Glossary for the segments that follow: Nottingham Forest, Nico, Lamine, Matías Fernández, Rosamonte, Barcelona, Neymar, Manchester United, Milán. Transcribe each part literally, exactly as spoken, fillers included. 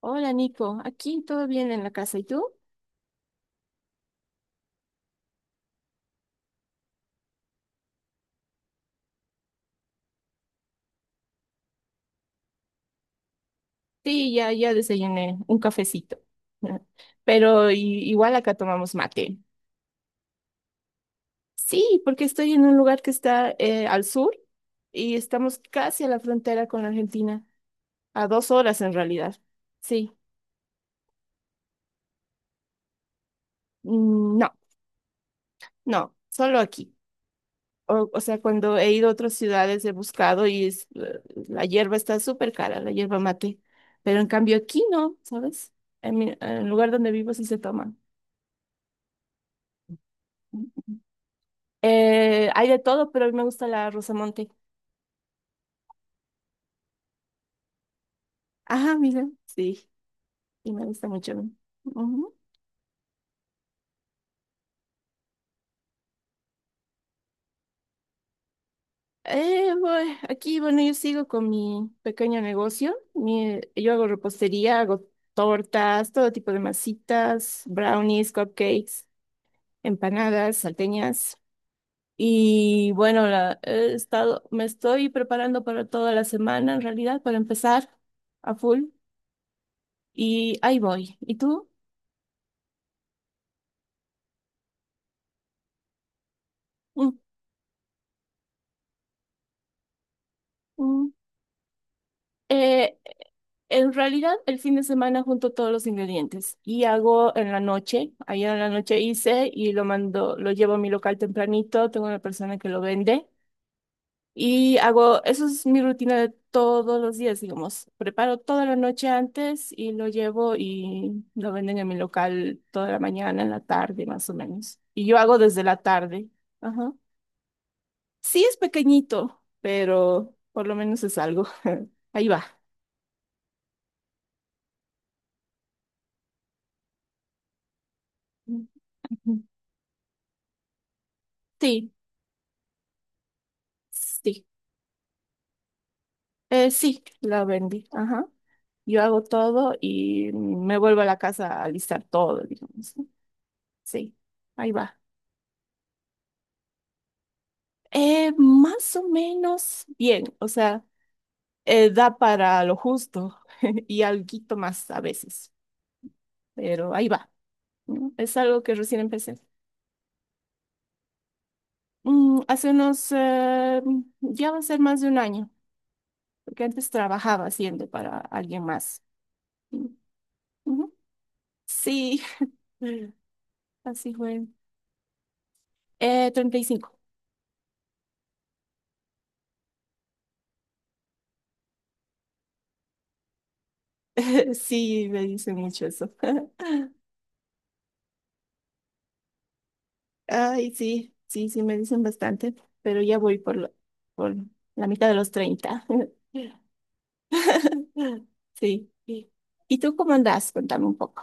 Hola Nico, aquí todo bien en la casa. ¿Y tú? Sí, ya, ya desayuné un cafecito. Pero i- igual acá tomamos mate. Sí, porque estoy en un lugar que está eh, al sur y estamos casi a la frontera con la Argentina, a dos horas en realidad. Sí. Mm, no, no, solo aquí. O, o sea, cuando he ido a otras ciudades he buscado y es- la hierba está súper cara, la hierba mate. Pero en cambio aquí no, ¿sabes? En mi- en el lugar donde vivo sí se toma. Eh, hay de todo, pero a mí me gusta la Rosamonte. Ajá, mira. Sí, y me gusta mucho. Ujú. Eh, bueno, aquí, bueno, yo sigo con mi pequeño negocio. Mi- yo hago repostería, hago tortas, todo tipo de masitas, brownies, cupcakes, empanadas, salteñas. Y bueno, la- he estado, me estoy preparando para toda la semana, en realidad, para empezar a full. Y ahí voy. ¿Y tú? Mm. Mm. Eh, En realidad, el fin de semana junto todos los ingredientes y hago en la noche. Ayer en la noche hice y lo mando, lo llevo a mi local tempranito. Tengo una persona que lo vende y hago, eso es mi rutina de todos los días, digamos. Preparo toda la noche antes y lo llevo y lo venden en mi local toda la mañana, en la tarde, más o menos. Y yo hago desde la tarde. Ajá. Sí, es pequeñito, pero por lo menos es algo. Ahí va. Ujú. Sí, sí. Eh, sí, la vendí. Ajá. Yo hago todo y me vuelvo a la casa a alistar todo, digamos, ¿no? Sí, ahí va. Eh, más o menos bien, o sea, eh, da para lo justo y alguito más a veces, pero ahí va, ¿no? Es algo que recién empecé. Mm, hace unos, eh, ya va a ser más de un año, porque antes trabajaba haciendo para alguien más. Mm, ujú. Sí. Así fue. Eh, treinta y cinco. Sí, me dicen mucho eso. Ay, sí, sí, sí, me dicen bastante, pero ya voy por, lo- por la mitad de los treinta. Sí, sí. ¿Y tú cómo andas? Cuéntame un poco.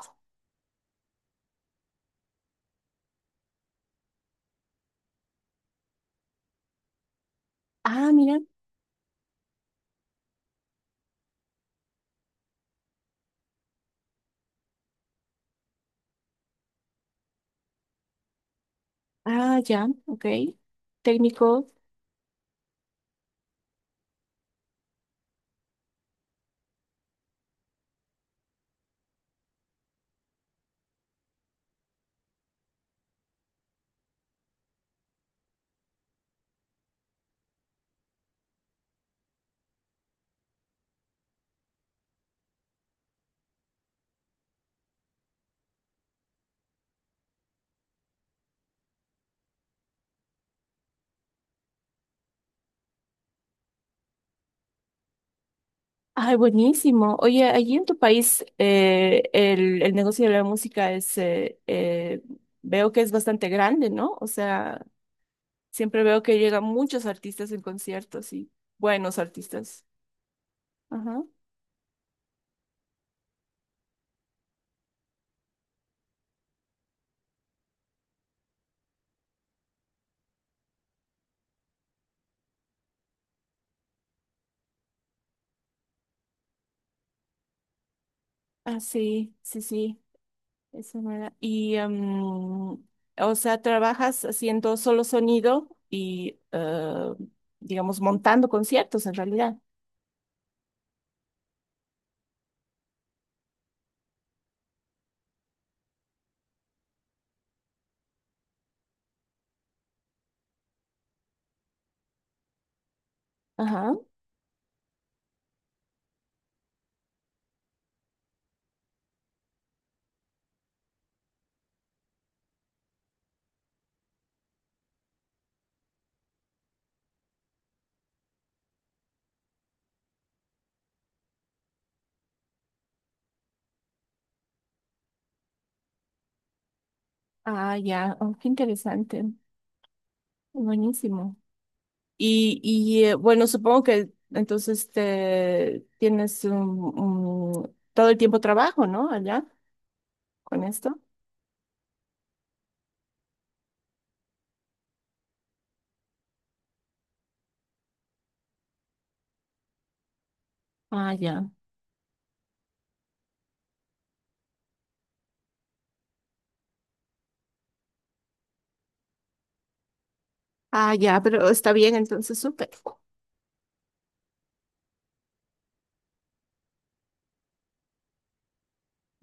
Ah, mira. Ah, ya, ok. Técnico. Ay, buenísimo. Oye, allí en tu país eh, el, el negocio de la música es, eh, eh, veo que es bastante grande, ¿no? O sea, siempre veo que llegan muchos artistas en conciertos y buenos artistas. Ajá. Ah, sí, sí, sí, eso me da-. Y, em, o sea, trabajas haciendo solo sonido y, eh, digamos, montando conciertos en realidad. Ajá. Ah, ya, oh, qué interesante. Buenísimo. Y, y eh, bueno, supongo que entonces te tienes un, un- todo el tiempo trabajo, ¿no? Allá con esto. Ah, ya. Ah, ya, pero está bien, entonces súper.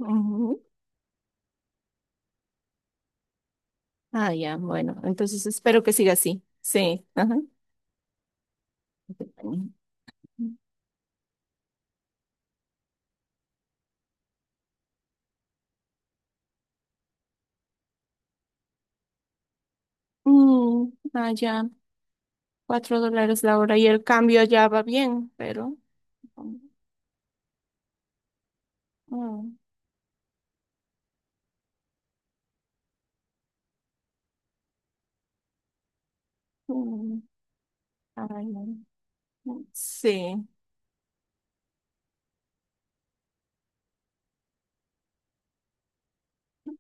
Ujú. Ah, ya, bueno, entonces espero que siga así. Sí. Ajá. Mm, ah, ya, cuatro dólares la hora y el cambio ya va bien, pero... mm, mm, ah, ya. Sí,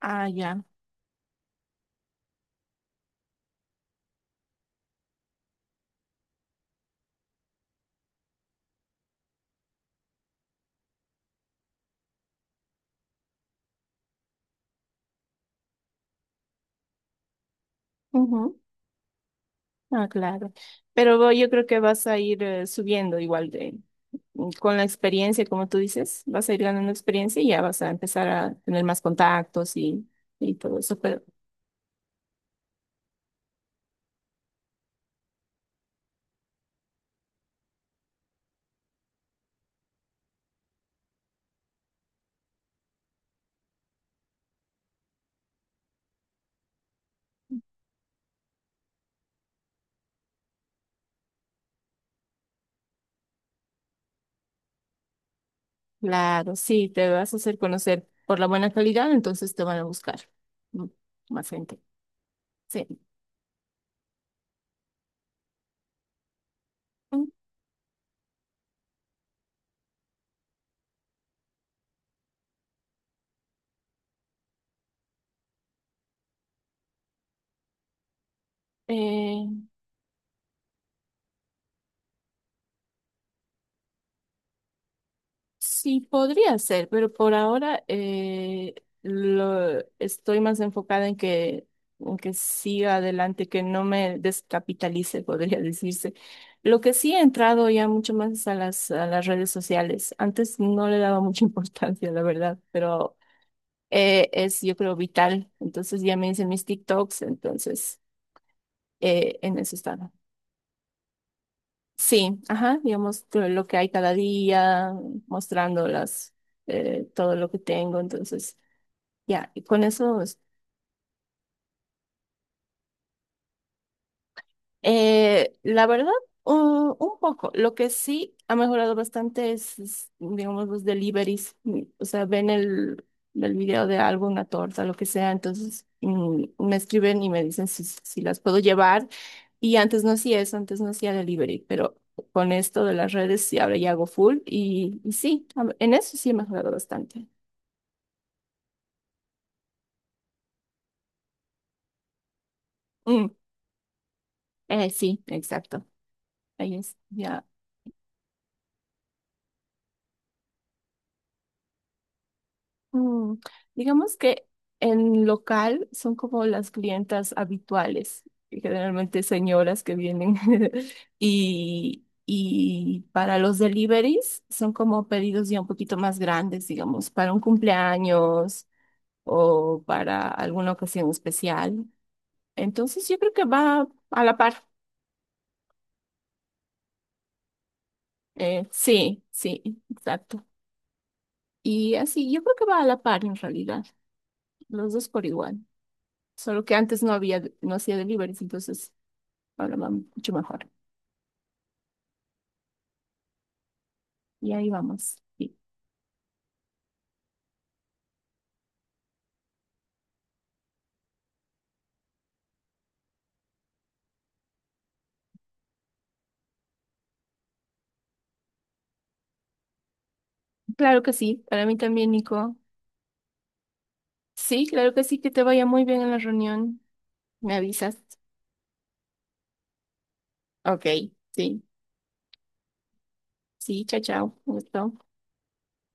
ah, ya. Ah, claro. Pero vo- yo creo que vas a ir eh, subiendo igual de, mm, con la experiencia, como tú dices, vas a ir ganando experiencia y ya vas a empezar a tener más contactos y, y todo eso. Pero claro, sí, te vas a hacer conocer por la buena calidad, entonces te van a buscar mm, más gente. Sí. Mm, eh, sí, podría ser, pero por ahora eh, lo, estoy más enfocada en que, en que, siga adelante, que no me descapitalice, podría decirse. Lo que sí he entrado ya mucho más es a las, a las redes sociales. Antes no le daba mucha importancia, la verdad, pero eh, es, yo creo, vital. Entonces ya me hice mis TikToks, entonces eh, en eso está. Sí, ajá, digamos todo lo que hay cada día, mostrándolas, eh, todo lo que tengo, entonces, ya, y con eso, es- eh, la verdad, un, un poco, lo que sí ha mejorado bastante es, es, digamos, los deliveries. Mm, o sea, ven el, el video de algo, una torta, lo que sea, entonces mm, me escriben y me dicen si, si las puedo llevar. Y antes no hacía eso, antes no hacía delivery, pero con esto de las redes sí, ahora ya hago full y, y sí, a- en eso sí he mejorado bastante. Mm, eh, sí, exacto. Ahí es, ya. Mm, digamos que en local son como las clientas habituales, y generalmente señoras que vienen y, y para los deliveries son como pedidos ya un poquito más grandes, digamos, para un cumpleaños o para alguna ocasión especial. Entonces yo creo que va a la par. Eh, sí, sí, exacto. Y así, yo creo que va a la par en realidad, los dos por igual. Solo que antes no había, no hacía deliveries, entonces ahora va mucho mejor. Y ahí vamos. Sí. Claro que sí, para mí también, Nico. Sí, claro que sí, que te vaya muy bien en la reunión. Me avisas. Ok, sí, sí, chao, chao. Un gusto.